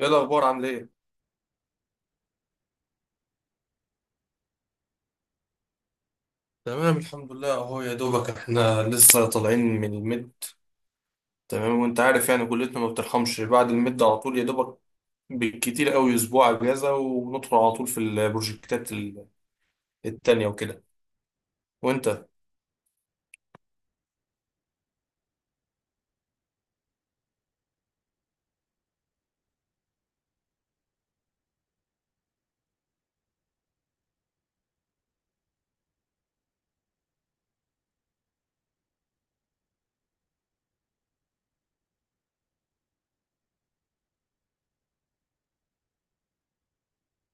ايه الاخبار؟ عامل ايه؟ تمام، الحمد لله، اهو يا دوبك احنا لسه طالعين من المد. تمام، وانت عارف يعني كليتنا ما بترحمش بعد المد على طول يا دوبك. بالكتير قوي اسبوع اجازه، وندخل على طول في البروجكتات التانية وكده. وانت؟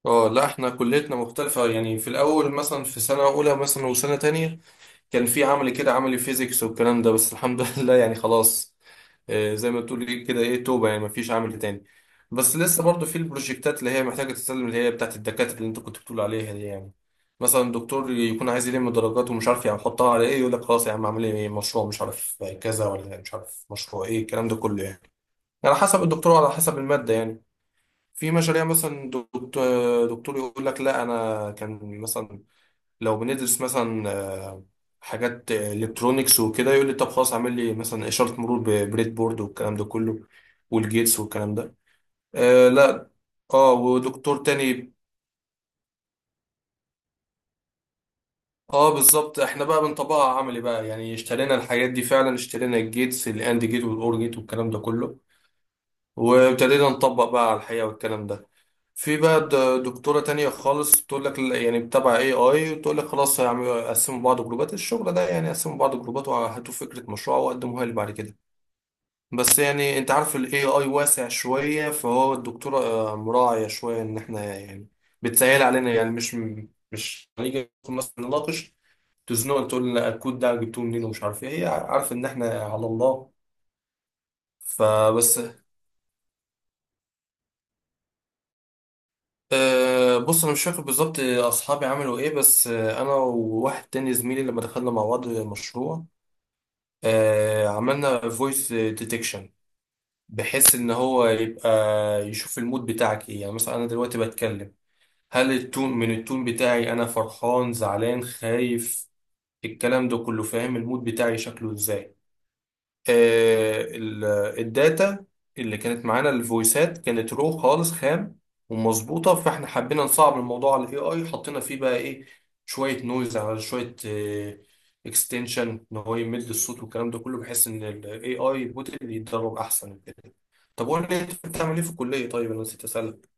اه، لا، احنا كليتنا مختلفه، يعني في الاول مثلا في سنه اولى مثلا وسنه تانية، كان في عملي كده، عملي فيزيكس والكلام ده، بس الحمد لله يعني خلاص. زي ما تقول إيه كده، ايه توبة، يعني مفيش عمل تاني. بس لسه برضو في البروجكتات اللي هي محتاجة تتسلم، اللي هي بتاعت الدكاترة اللي انت كنت بتقول عليها دي يعني. مثلا دكتور يكون عايز يلم درجات ومش عارف يحطها على ايه، يقول لك خلاص يا عم اعمل لي مشروع مش عارف كذا ولا مش عارف مشروع ايه، الكلام ده كله يعني على حسب الدكتور وعلى حسب المادة يعني. في مشاريع، مثلا دكتور يقول لك لا انا كان مثلا لو بندرس مثلا حاجات الكترونيكس وكده، يقول لي طب خلاص اعمل لي مثلا اشاره مرور ببريد بورد والكلام ده كله، والجيتس والكلام ده. آه، لا. اه، ودكتور تاني. اه بالظبط، احنا بقى بنطبقها عملي بقى، يعني اشترينا الحاجات دي فعلا، اشترينا الجيتس الاند جيت والاور جيت والكلام ده كله، وابتدينا نطبق بقى على الحقيقه والكلام ده. في بقى دكتورة تانية خالص تقول لك يعني بتابع اي اي، وتقول لك خلاص هيعملوا قسموا بعض جروبات، الشغل ده يعني قسموا بعض جروبات وهاتوا فكرة مشروع وقدموها لي بعد كده. بس يعني انت عارف الاي اي واسع شوية، فهو الدكتورة مراعية شوية ان احنا يعني بتسهل علينا، يعني مش هنيجي مثلا نناقش، تزنق تقول لنا الكود ده جبتوه منين ومش عارف ايه، هي عارف ان احنا على الله فبس. بص انا مش فاكر بالظبط اصحابي عملوا ايه، بس انا وواحد تاني زميلي لما دخلنا مع بعض المشروع، عملنا فويس ديتكشن، بحيث ان هو يبقى يشوف المود بتاعك ايه، يعني مثلا انا دلوقتي بتكلم، هل التون من التون بتاعي انا فرحان، زعلان، خايف، الكلام ده كله، فاهم المود بتاعي شكله ازاي. آه، ال- الداتا اللي كانت معانا، الفويسات كانت رو خالص، خام ومظبوطه، فاحنا حبينا نصعب الموضوع على الاي اي، حطينا فيه بقى ايه، شويه نويز، على شويه اكستنشن ان هو يمد الصوت والكلام ده كله، بحيث ان الاي اي بوتل يتدرب احسن كده. طب قول لي انت بتعمل ايه في الكليه طيب، انا نسيت اسالك.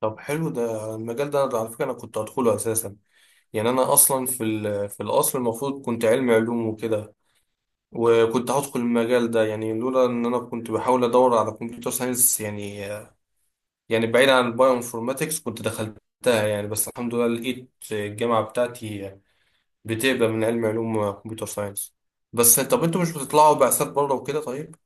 طب حلو ده المجال ده، أنا على فكره انا كنت هدخله اساسا. يعني انا اصلا في الاصل المفروض كنت علمي علوم وكده، وكنت هدخل المجال ده يعني، لولا ان انا كنت بحاول ادور على كمبيوتر ساينس يعني، يعني بعيد عن البايو انفورماتكس كنت دخلتها يعني، بس الحمد لله لقيت الجامعة بتاعتي بتقبل من علم علوم كمبيوتر ساينس. بس طب انتوا مش بتطلعوا بعثات بره وكده طيب؟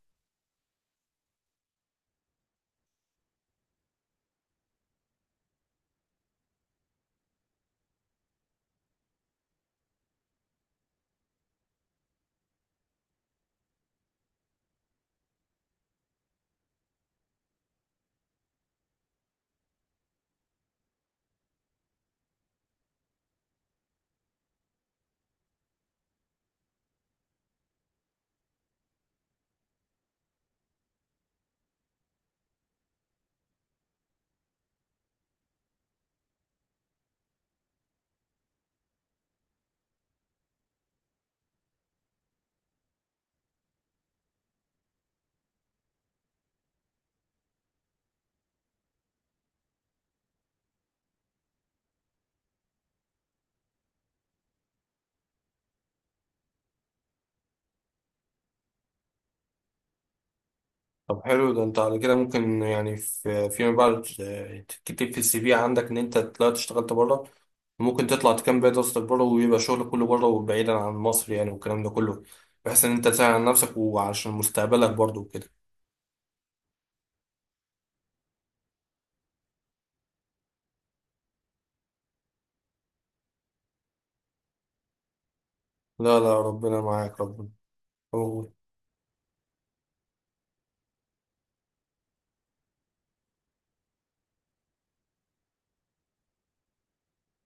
طب حلو ده، انت على كده ممكن يعني فيما بعد تكتب في السي في عندك ان انت طلعت اشتغلت بره، ممكن تطلع تكمل بقية دراستك بره ويبقى شغلك كله بره وبعيدا عن مصر يعني والكلام ده كله، بحيث ان انت تساعد على نفسك وعشان مستقبلك برضه وكده. لا، لا، ربنا معاك، ربنا. أوه.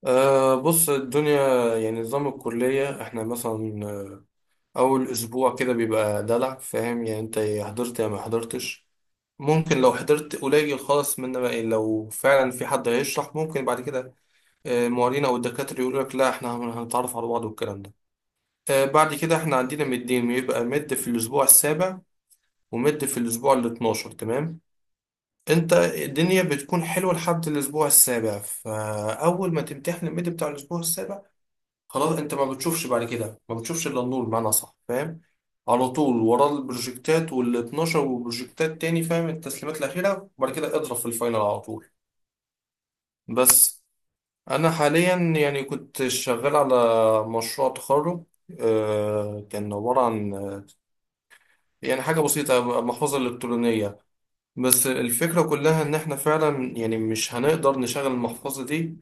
آه، بص، الدنيا يعني نظام الكلية احنا مثلا، أول أسبوع كده بيبقى دلع، فاهم، يعني انت يا حضرت يا ما حضرتش، ممكن لو حضرت قليل خالص منه بقى لو فعلا في حد هيشرح ممكن بعد كده المعيدين أو الدكاترة يقولوا لك لا احنا هنتعرف على بعض والكلام ده. بعد كده احنا عندنا مدين، بيبقى مد في الأسبوع السابع، ومد في الأسبوع الاتناشر، تمام. انت الدنيا بتكون حلوة لحد الأسبوع السابع، فأول ما تمتحن المد بتاع الأسبوع السابع، خلاص انت ما بتشوفش بعد كده، ما بتشوفش إلا النور بمعنى صح، فاهم، على طول وراه البروجكتات والاتناشر وبروجكتات تاني، فاهم، التسليمات الأخيرة، وبعد كده اضرب في الفاينل على طول. بس أنا حاليا يعني كنت شغال على مشروع تخرج، كان عبارة عن يعني حاجة بسيطة، المحفظة الإلكترونية. بس الفكرة كلها إن إحنا فعلا يعني مش هنقدر نشغل المحفظة دي،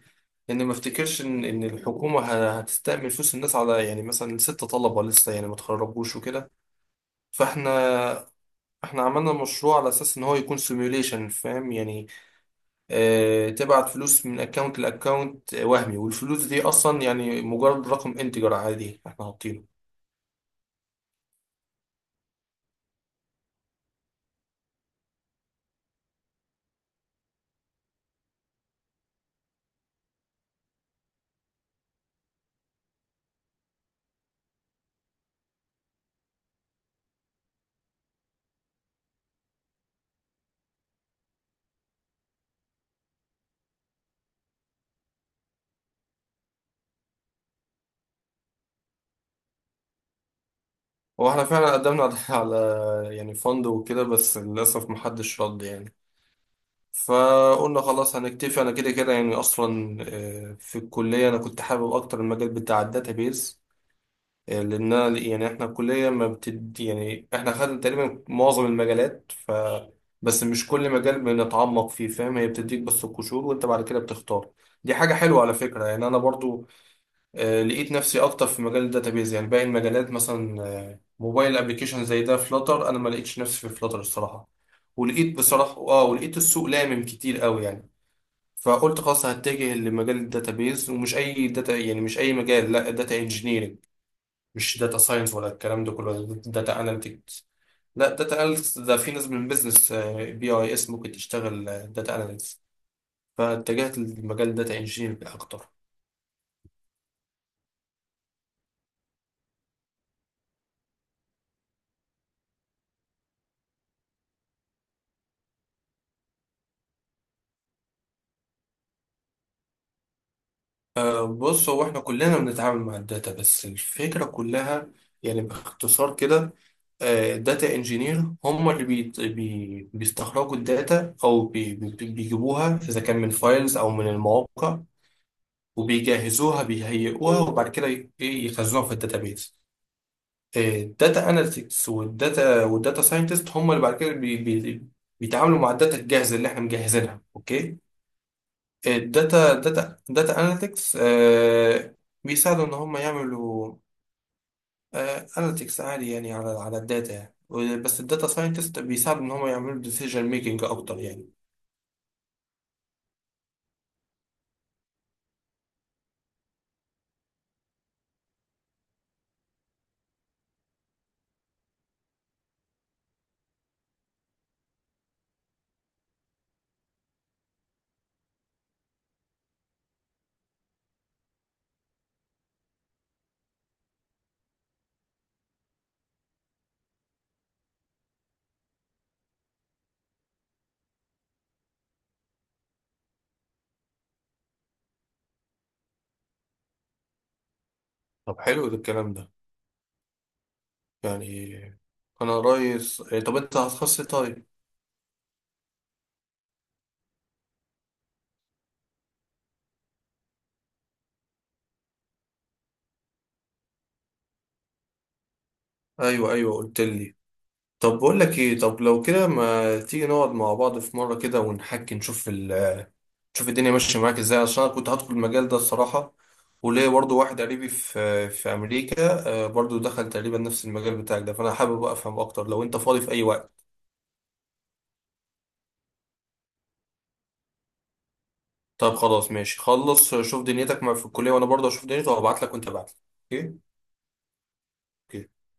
لأن ما أفتكرش إن الحكومة هتستأمن فلوس الناس على يعني مثلا ست طلبة لسه يعني ما اتخرجوش وكده. فإحنا إحنا عملنا مشروع على أساس إن هو يكون سيميوليشن، فاهم يعني، اه تبعت فلوس من أكاونت لأكاونت وهمي، والفلوس دي أصلا يعني مجرد رقم انتجر عادي إحنا حاطينه. هو إحنا فعلا قدمنا على يعني فند وكده، بس للأسف محدش رد يعني، فقلنا خلاص هنكتفي انا كده كده يعني اصلا. في الكليه انا كنت حابب اكتر المجال بتاع الداتابيز، لان يعني احنا الكليه ما بتد يعني احنا خدنا تقريبا معظم المجالات، ف بس مش كل مجال بنتعمق فيه، فاهم، هي بتديك بس القشور، وانت بعد كده بتختار. دي حاجه حلوه على فكره يعني، انا برضو لقيت نفسي اكتر في مجال الداتابيز، يعني باقي المجالات مثلا موبايل ابلكيشن زي ده، فلاتر انا ما لقيتش نفسي في فلاتر الصراحه، ولقيت بصراحه ولقيت السوق لامم كتير قوي يعني، فقلت خلاص هتجه لمجال الداتابيز، ومش اي داتا، يعني مش اي مجال، لا داتا انجينيرنج، مش داتا ساينس ولا الكلام ده كله، ولا داتا اناليتكس. لا داتا اناليتكس ده في ناس من بيزنس، بي اي اس ممكن تشتغل داتا اناليتكس. فاتجهت لمجال داتا انجينيرنج اكتر. بص، هو احنا كلنا بنتعامل مع الداتا، بس الفكرة كلها يعني باختصار كده، الداتا انجينير هم اللي بي بي بيستخرجوا الداتا، او بيجيبوها اذا كان من فايلز او من المواقع، وبيجهزوها، بيهيئوها، وبعد كده ي- ايه يخزنوها في الداتابيز. الداتا اناليتكس والداتا ساينتست هم اللي بعد كده بي بي بيتعاملوا مع الداتا الجاهزه اللي احنا مجهزينها، اوكي. الداتا داتا داتا اناليتكس بيساعدوا ان هم يعملوا اناليتكس عالي يعني، على الداتا يعني، بس الداتا ساينتست بيساعدوا ان هم يعملوا ديسيجن ميكنج اكتر يعني. طب حلو ده الكلام ده يعني، انا رئيس إيه، طب انت هتخصص إيه طيب؟ ايوه، ايوه، قلت لي. طب بقول لك ايه، طب لو كده ما تيجي نقعد مع بعض في مره كده ونحكي، نشوف نشوف الدنيا ماشيه معاك ازاي، عشان انا كنت هدخل المجال ده الصراحه، وليه برضو واحد قريبي في امريكا برضو دخل تقريبا نفس المجال بتاعك ده، فانا حابب افهم اكتر لو انت فاضي في اي وقت. طب خلاص ماشي، خلص شوف دنيتك في الكليه، وانا برضو اشوف دنيتي، وابعت لك وانت ابعت لي. اوكي. اوكي.